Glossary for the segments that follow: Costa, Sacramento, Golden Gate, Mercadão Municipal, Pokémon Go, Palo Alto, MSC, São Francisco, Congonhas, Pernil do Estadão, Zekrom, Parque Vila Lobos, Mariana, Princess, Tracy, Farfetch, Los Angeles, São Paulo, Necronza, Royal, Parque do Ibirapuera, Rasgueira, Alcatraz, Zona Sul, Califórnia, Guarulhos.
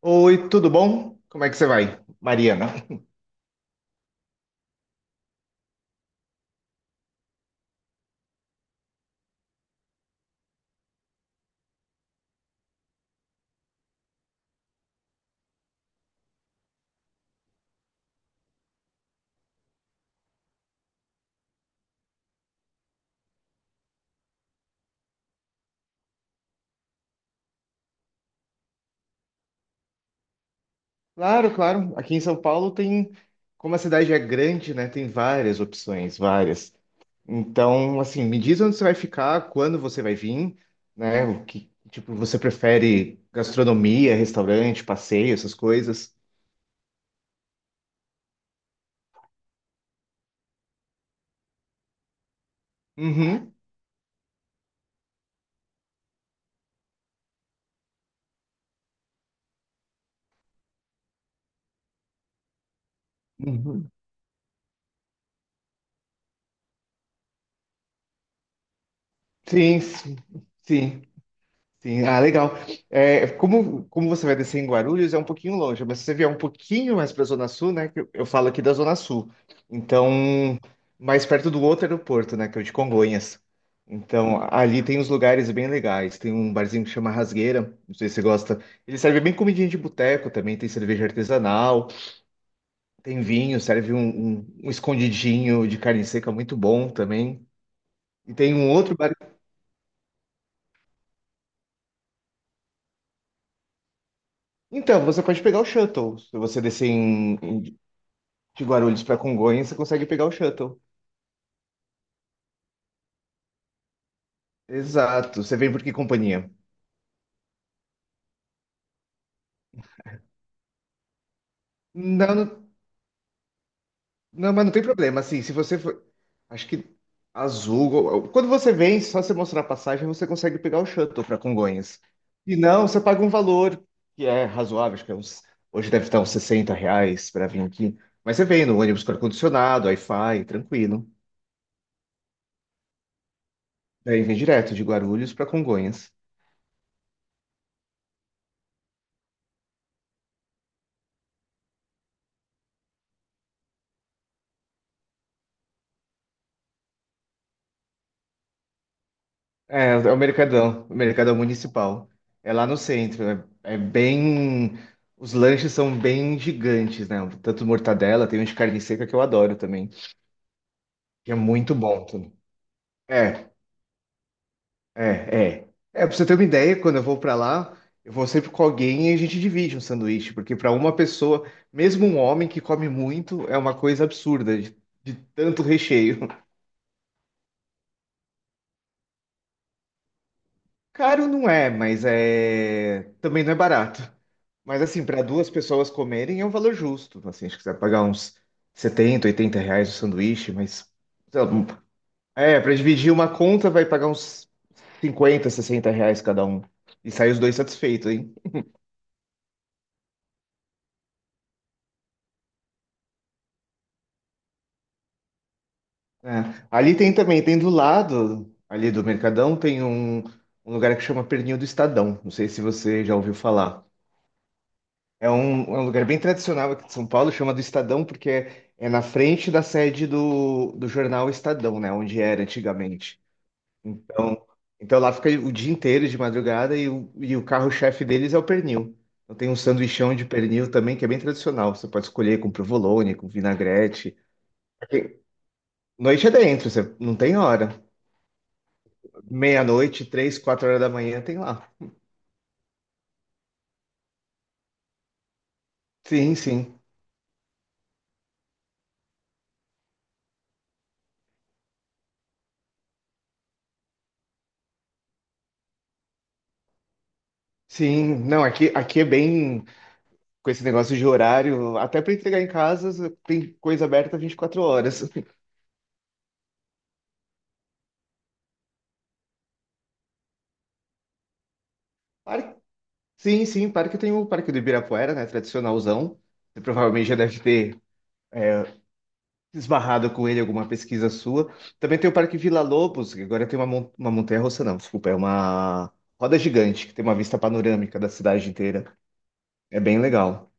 Oi, tudo bom? Como é que você vai, Mariana? Claro, claro. Aqui em São Paulo tem, como a cidade é grande, né? Tem várias opções, várias. Então, assim, me diz onde você vai ficar, quando você vai vir, né? O que, tipo, você prefere gastronomia, restaurante, passeio, essas coisas? Uhum. Uhum. Sim, sim, sim. Sim, ah, legal. É, como você vai descer em Guarulhos, é um pouquinho longe, mas se você vier um pouquinho mais para a Zona Sul, né, que eu falo aqui da Zona Sul. Então, mais perto do outro aeroporto, né? Que é o de Congonhas. Então, ali tem uns lugares bem legais. Tem um barzinho que chama Rasgueira, não sei se você gosta. Ele serve bem comidinha de boteco também, tem cerveja artesanal, tem vinho, serve um escondidinho de carne seca muito bom também. E tem um outro bar. Então, você pode pegar o shuttle. Se você descer em, de Guarulhos para Congonhas, você consegue pegar o shuttle. Exato. Você vem por que companhia? Não, não, não, mas não tem problema. Assim, se você for. Acho que azul. Quando você vem, só você mostrar a passagem, você consegue pegar o shuttle para Congonhas. E não, você paga um valor que é razoável, acho que é uns, hoje deve estar uns R$ 60 para vir aqui. Mas você vem no ônibus com ar-condicionado, Wi-Fi, tranquilo. Daí vem direto de Guarulhos para Congonhas. É, é o Mercadão Municipal. É lá no centro, é, é bem. Os lanches são bem gigantes, né? Tanto mortadela, tem um de carne seca que eu adoro também, que é muito bom. Tudo. É, é, é. É, pra você ter uma ideia, quando eu vou pra lá, eu vou sempre com alguém e a gente divide um sanduíche, porque pra uma pessoa, mesmo um homem que come muito, é uma coisa absurda de tanto recheio. Caro não é, mas é também não é barato. Mas assim, para duas pessoas comerem é um valor justo. Assim, acho que você vai pagar uns 70, 80 reais o sanduíche, mas sei lá, um, é, para dividir uma conta vai pagar uns 50, 60 reais cada um. E sai os dois satisfeitos, hein? É. Ali tem também, tem do lado ali do Mercadão, tem um lugar que chama Pernil do Estadão. Não sei se você já ouviu falar. É um lugar bem tradicional aqui de São Paulo, chama do Estadão, porque é na frente da sede do jornal Estadão, né? Onde era antigamente. Então, então lá fica o dia inteiro de madrugada e o carro-chefe deles é o pernil. Então tem um sanduichão de pernil também, que é bem tradicional. Você pode escolher com provolone, com vinagrete. Aqui, noite é dentro, você não tem hora. Meia-noite, 3, 4 horas da manhã, tem lá. Sim, sim. Sim, não, aqui é bem. Com esse negócio de horário, até para entregar em casa, tem coisa aberta 24 horas. Parque- sim, sim, parque tem o Parque do Ibirapuera, né, tradicionalzão. Você provavelmente já deve ter esbarrado com ele em alguma pesquisa sua. Também tem o Parque Vila Lobos, que agora tem uma montanha-russa, não, desculpa, é uma roda gigante, que tem uma vista panorâmica da cidade inteira. É bem legal,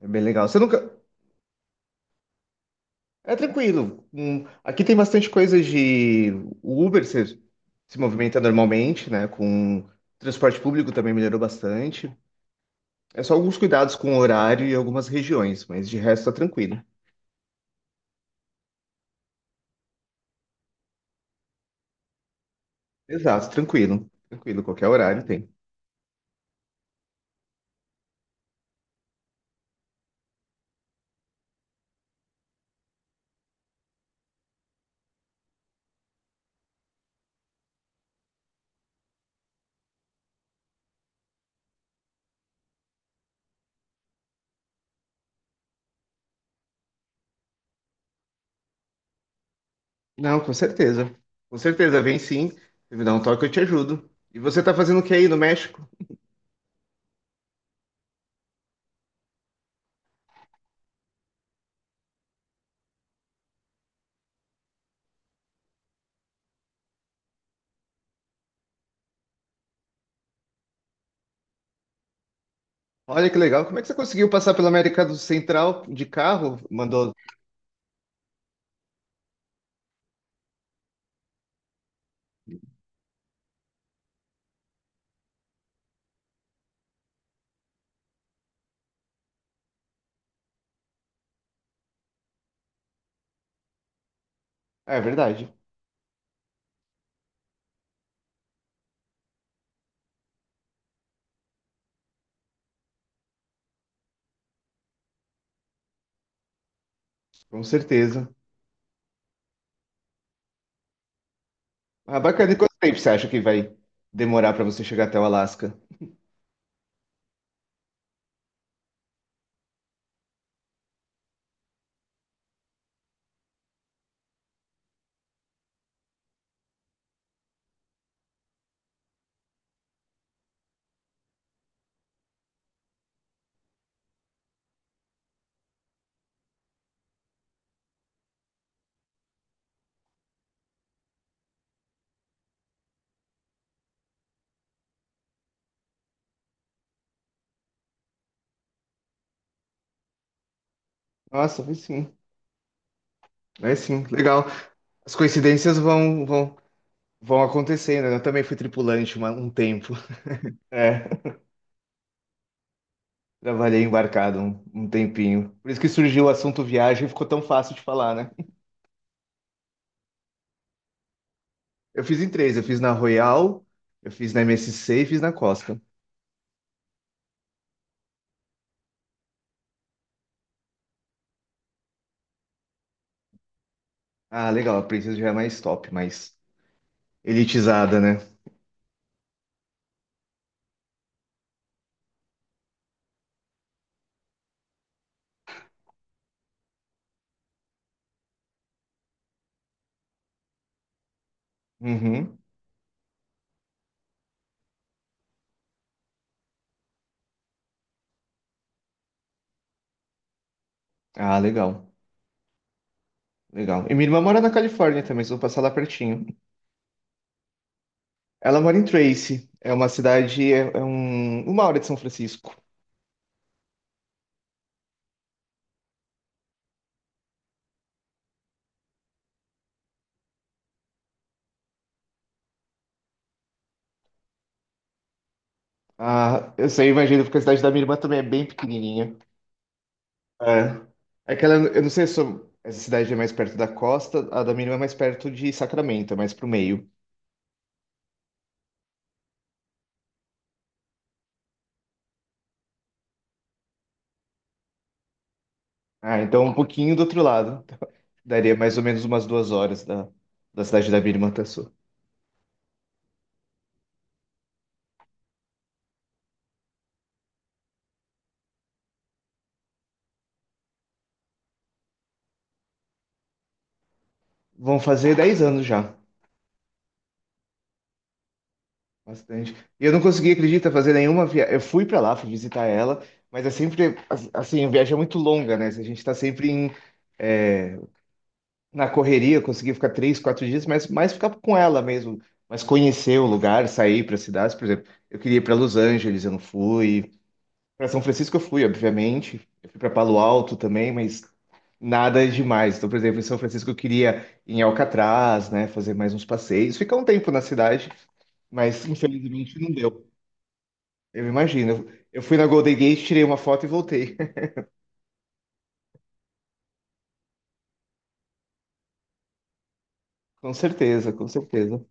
é bem legal. Você nunca. É tranquilo. Aqui tem bastante coisa de o Uber se movimenta normalmente, né? Com transporte público também melhorou bastante. É só alguns cuidados com o horário e algumas regiões, mas de resto tá tranquilo. Exato, tranquilo. Tranquilo, qualquer horário tem. Não, com certeza. Com certeza, vem sim. Se me dá um toque, eu te ajudo. E você tá fazendo o que aí no México? Olha que legal. Como é que você conseguiu passar pela América do Central de carro? Mandou. É verdade, com certeza. Ah, bacana. E quanto tempo você acha que vai demorar para você chegar até o Alasca? Nossa, vai sim. Vai sim. Legal. As coincidências vão acontecendo, né? Eu também fui tripulante um tempo. É, trabalhei embarcado um tempinho. Por isso que surgiu o assunto viagem e ficou tão fácil de falar, né? Eu fiz em três. Eu fiz na Royal, eu fiz na MSC e fiz na Costa. Ah, legal. A Princess já é mais top, mais elitizada, né? Uhum. Ah, legal. Legal. E minha irmã mora na Califórnia também, só vou passar lá pertinho. Ela mora em Tracy, é uma cidade, é, uma hora de São Francisco. Ah, eu sei, imagino, porque a cidade da minha irmã também é bem pequenininha. É. Aquela, eu não sei se eu- essa cidade é mais perto da costa, a da minha irmã é mais perto de Sacramento, é mais pro meio. Ah, então um pouquinho do outro lado. Daria mais ou menos umas 2 horas da cidade da minha irmã até a sua. Vão fazer 10 anos já. Bastante. E eu não consegui, acredita, fazer nenhuma viagem. Eu fui pra lá, fui visitar ela, mas é sempre, assim, a viagem é muito longa, né? A gente tá sempre é, na correria, eu consegui ficar 3, 4 dias, mas mais ficar com ela mesmo, mas conhecer o lugar, sair para cidades, por exemplo. Eu queria ir para Los Angeles, eu não fui. Para São Francisco eu fui, obviamente. Eu fui para Palo Alto também, mas nada demais. Então, por exemplo, em São Francisco eu queria ir em Alcatraz, né, fazer mais uns passeios, ficar um tempo na cidade, mas infelizmente não deu. Eu imagino. Eu fui na Golden Gate, tirei uma foto e voltei. Com certeza, com certeza.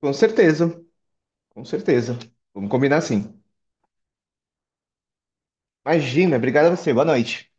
Com certeza, com certeza. Vamos combinar assim. Imagina, obrigado a você. Boa noite.